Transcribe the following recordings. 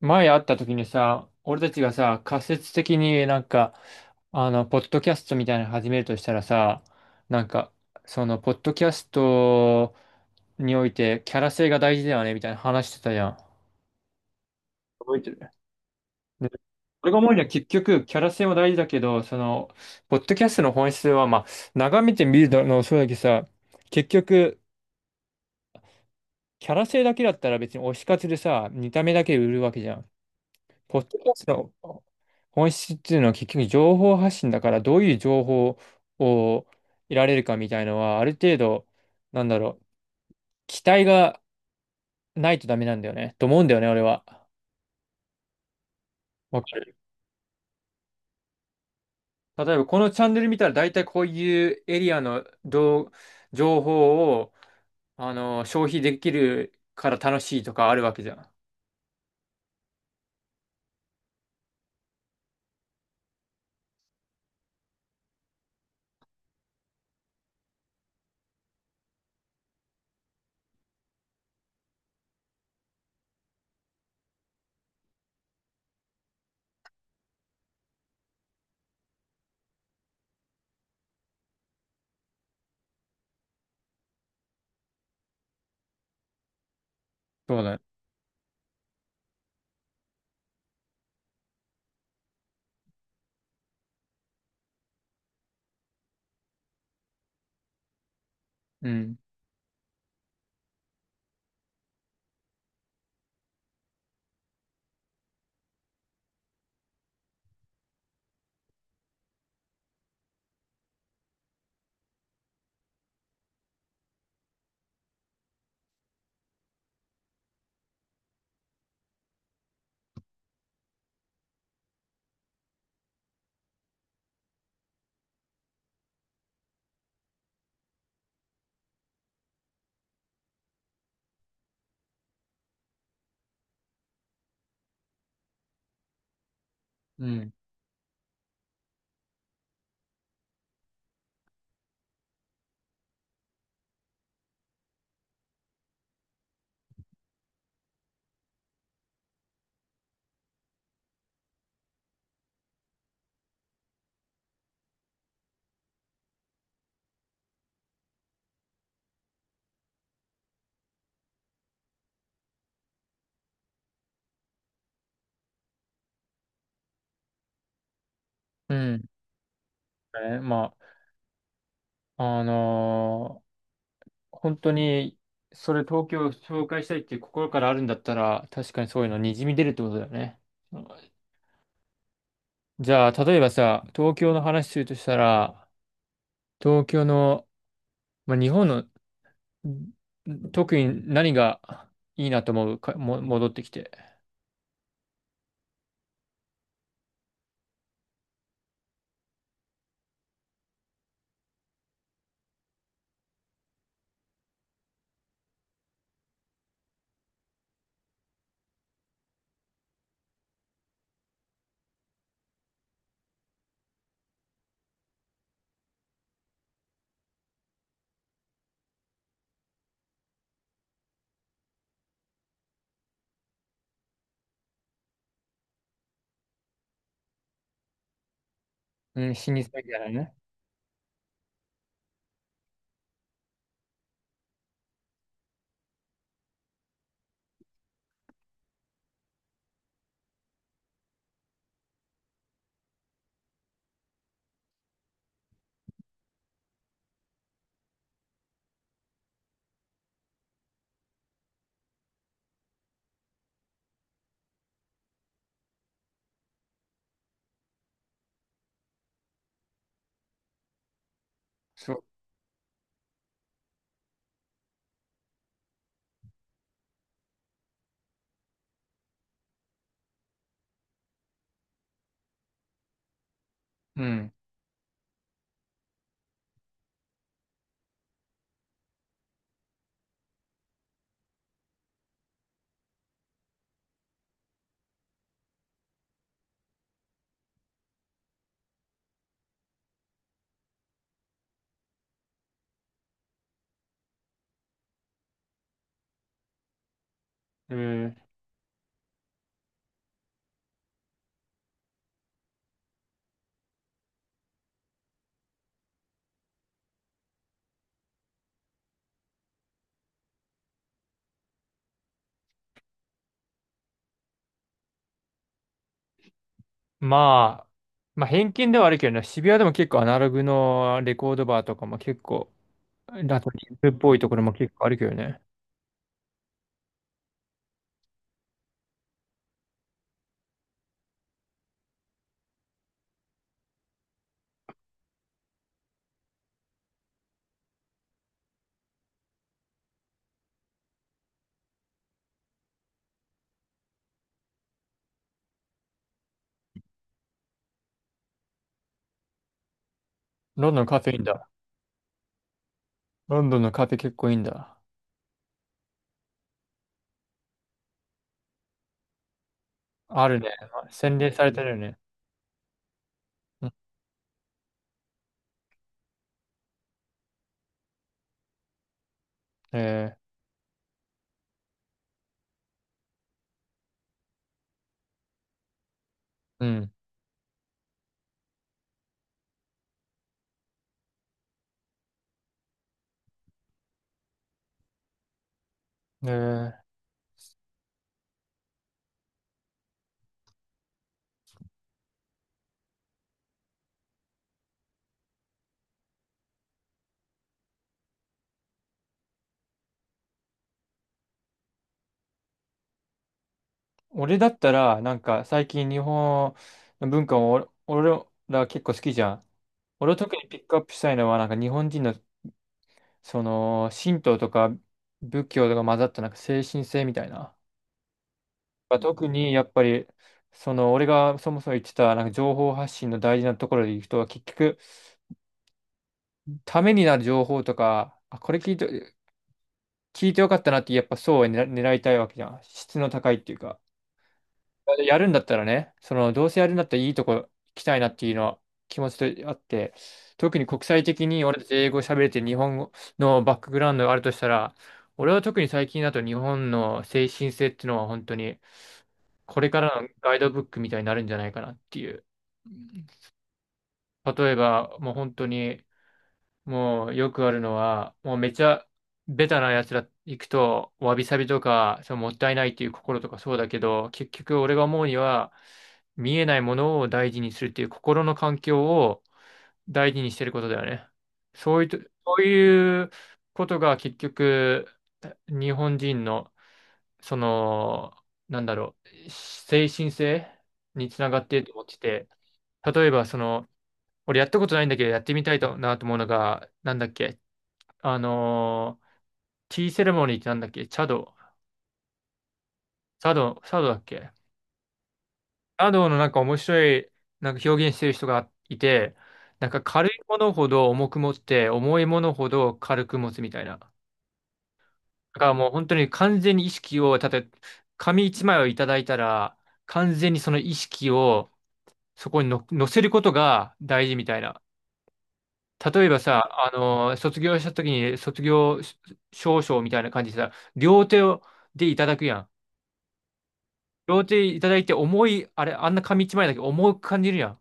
前会った時にさ、俺たちがさ、仮説的にポッドキャストみたいなの始めるとしたらさ、なんか、ポッドキャストにおいてキャラ性が大事だよね、みたいな話してたじゃん。覚えてる。で俺が思うには結局、キャラ性も大事だけど、ポッドキャストの本質は、まあ、眺めてみるのもそうだけどさ、結局、キャラ性だけだったら別に推し活でさ、見た目だけで売るわけじゃん。ポッドキャストの本質っていうのは結局情報発信だから、どういう情報を得られるかみたいのはある程度なんだろう期待がないとダメなんだよねと思うんだよね、俺は。わかる。例えばこのチャンネル見たら大体こういうエリアの動情報を消費できるから楽しいとかあるわけじゃん。そうだね。うん。うん。うん。ね、まあ、本当に、それ東京を紹介したいっていう心からあるんだったら、確かにそういうのにじみ出るってことだよね。じゃあ、例えばさ、東京の話するとしたら、東京の、まあ、日本の、特に何がいいなと思うか、も、戻ってきて。うん、老舗みたいなね。そう。うん。えーまあ、まあ、偏見ではあるけどね、渋谷でも結構アナログのレコードバーとかも結構、ラトニンムっぽいところも結構あるけどね。ロンドンのカフェインだ。ロンドンのカフェ結構いいんだ。あるね。洗練されてるよね。うん。えー、うん。えー、俺だったら、なんか最近日本の文化を俺ら結構好きじゃん。俺を特にピックアップしたいのは、なんか日本人の、神道とか仏教とか混ざったなんか精神性みたいな。まあ特にやっぱり、俺がそもそも言ってた、なんか情報発信の大事なところでいくと、結局、ためになる情報とか、あ、これ聞いて、聞いてよかったなってやっぱそうは狙いたいわけじゃん。質の高いっていうか。やるんだったらね、そのどうせやるんだったらいいとこ行きたいなっていうのは気持ちとあって、特に国際的に俺たち英語喋れて日本語のバックグラウンドがあるとしたら、俺は特に最近だと日本の精神性っていうのは本当にこれからのガイドブックみたいになるんじゃないかなっていう。例えばもう本当に、もうよくあるのは、もうめちゃベタなやつら行くと、わびさびとか、そのもったいないっていう心とかそうだけど、結局俺が思うには、見えないものを大事にするっていう心の環境を大事にしてることだよね。そういうと、そういうことが結局、日本人の、その、なんだろ精神性につながっていると思ってて、例えばその、俺やったことないんだけど、やってみたいとなと思うのが、なんだっけ、あのーティーセレモニーってなんだっけ、チャドだっけ。チャドのなんか面白いなんか表現してる人がいて、なんか軽いものほど重く持って、重いものほど軽く持つみたいな。だからもう本当に完全に意識を、たとえ紙一枚をいただいたら、完全にその意識をそこにの乗せることが大事みたいな。例えばさ、卒業した時に卒業証書みたいな感じでさ、両手をでいただくやん。両手いただいて重い、あれ、あんな紙一枚だけど重く感じるやん。こ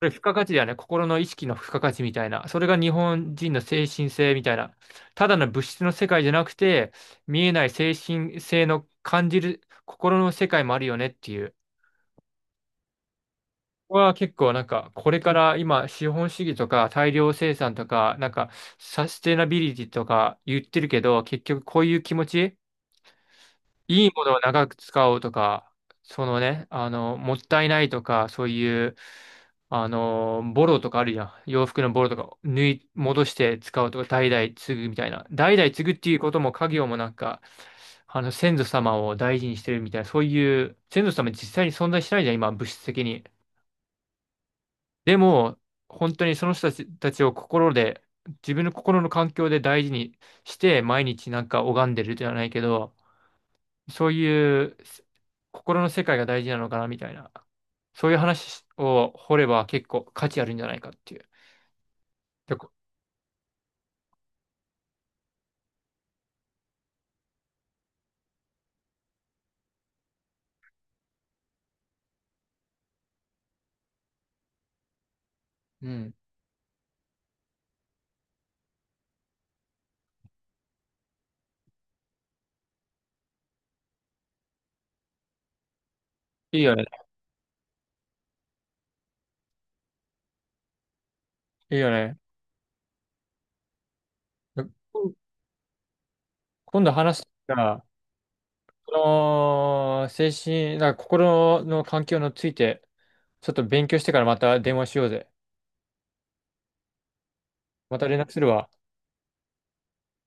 れ付加価値だよね。心の意識の付加価値みたいな。それが日本人の精神性みたいな。ただの物質の世界じゃなくて、見えない精神性の感じる心の世界もあるよねっていう。ここは結構なんか、これから今、資本主義とか大量生産とか、なんか、サステナビリティとか言ってるけど、結局こういう気持ちいいものを長く使おうとか、そのね、もったいないとか、そういう、ボロとかあるじゃん。洋服のボロとか、戻して使うとか、代々継ぐみたいな。代々継ぐっていうことも、家業もなんか、先祖様を大事にしてるみたいな、そういう、先祖様実際に存在しないじゃん、今、物質的に。でも、本当にその人たちを心で、自分の心の環境で大事にして、毎日なんか拝んでるじゃないけど、そういう心の世界が大事なのかなみたいな、そういう話を掘れば結構価値あるんじゃないかっていう。でこうん。いいよね。いいよね。でこ今度話が、この精神、なんか心の環境について、ちょっと勉強してからまた電話しようぜ。また連絡するわ。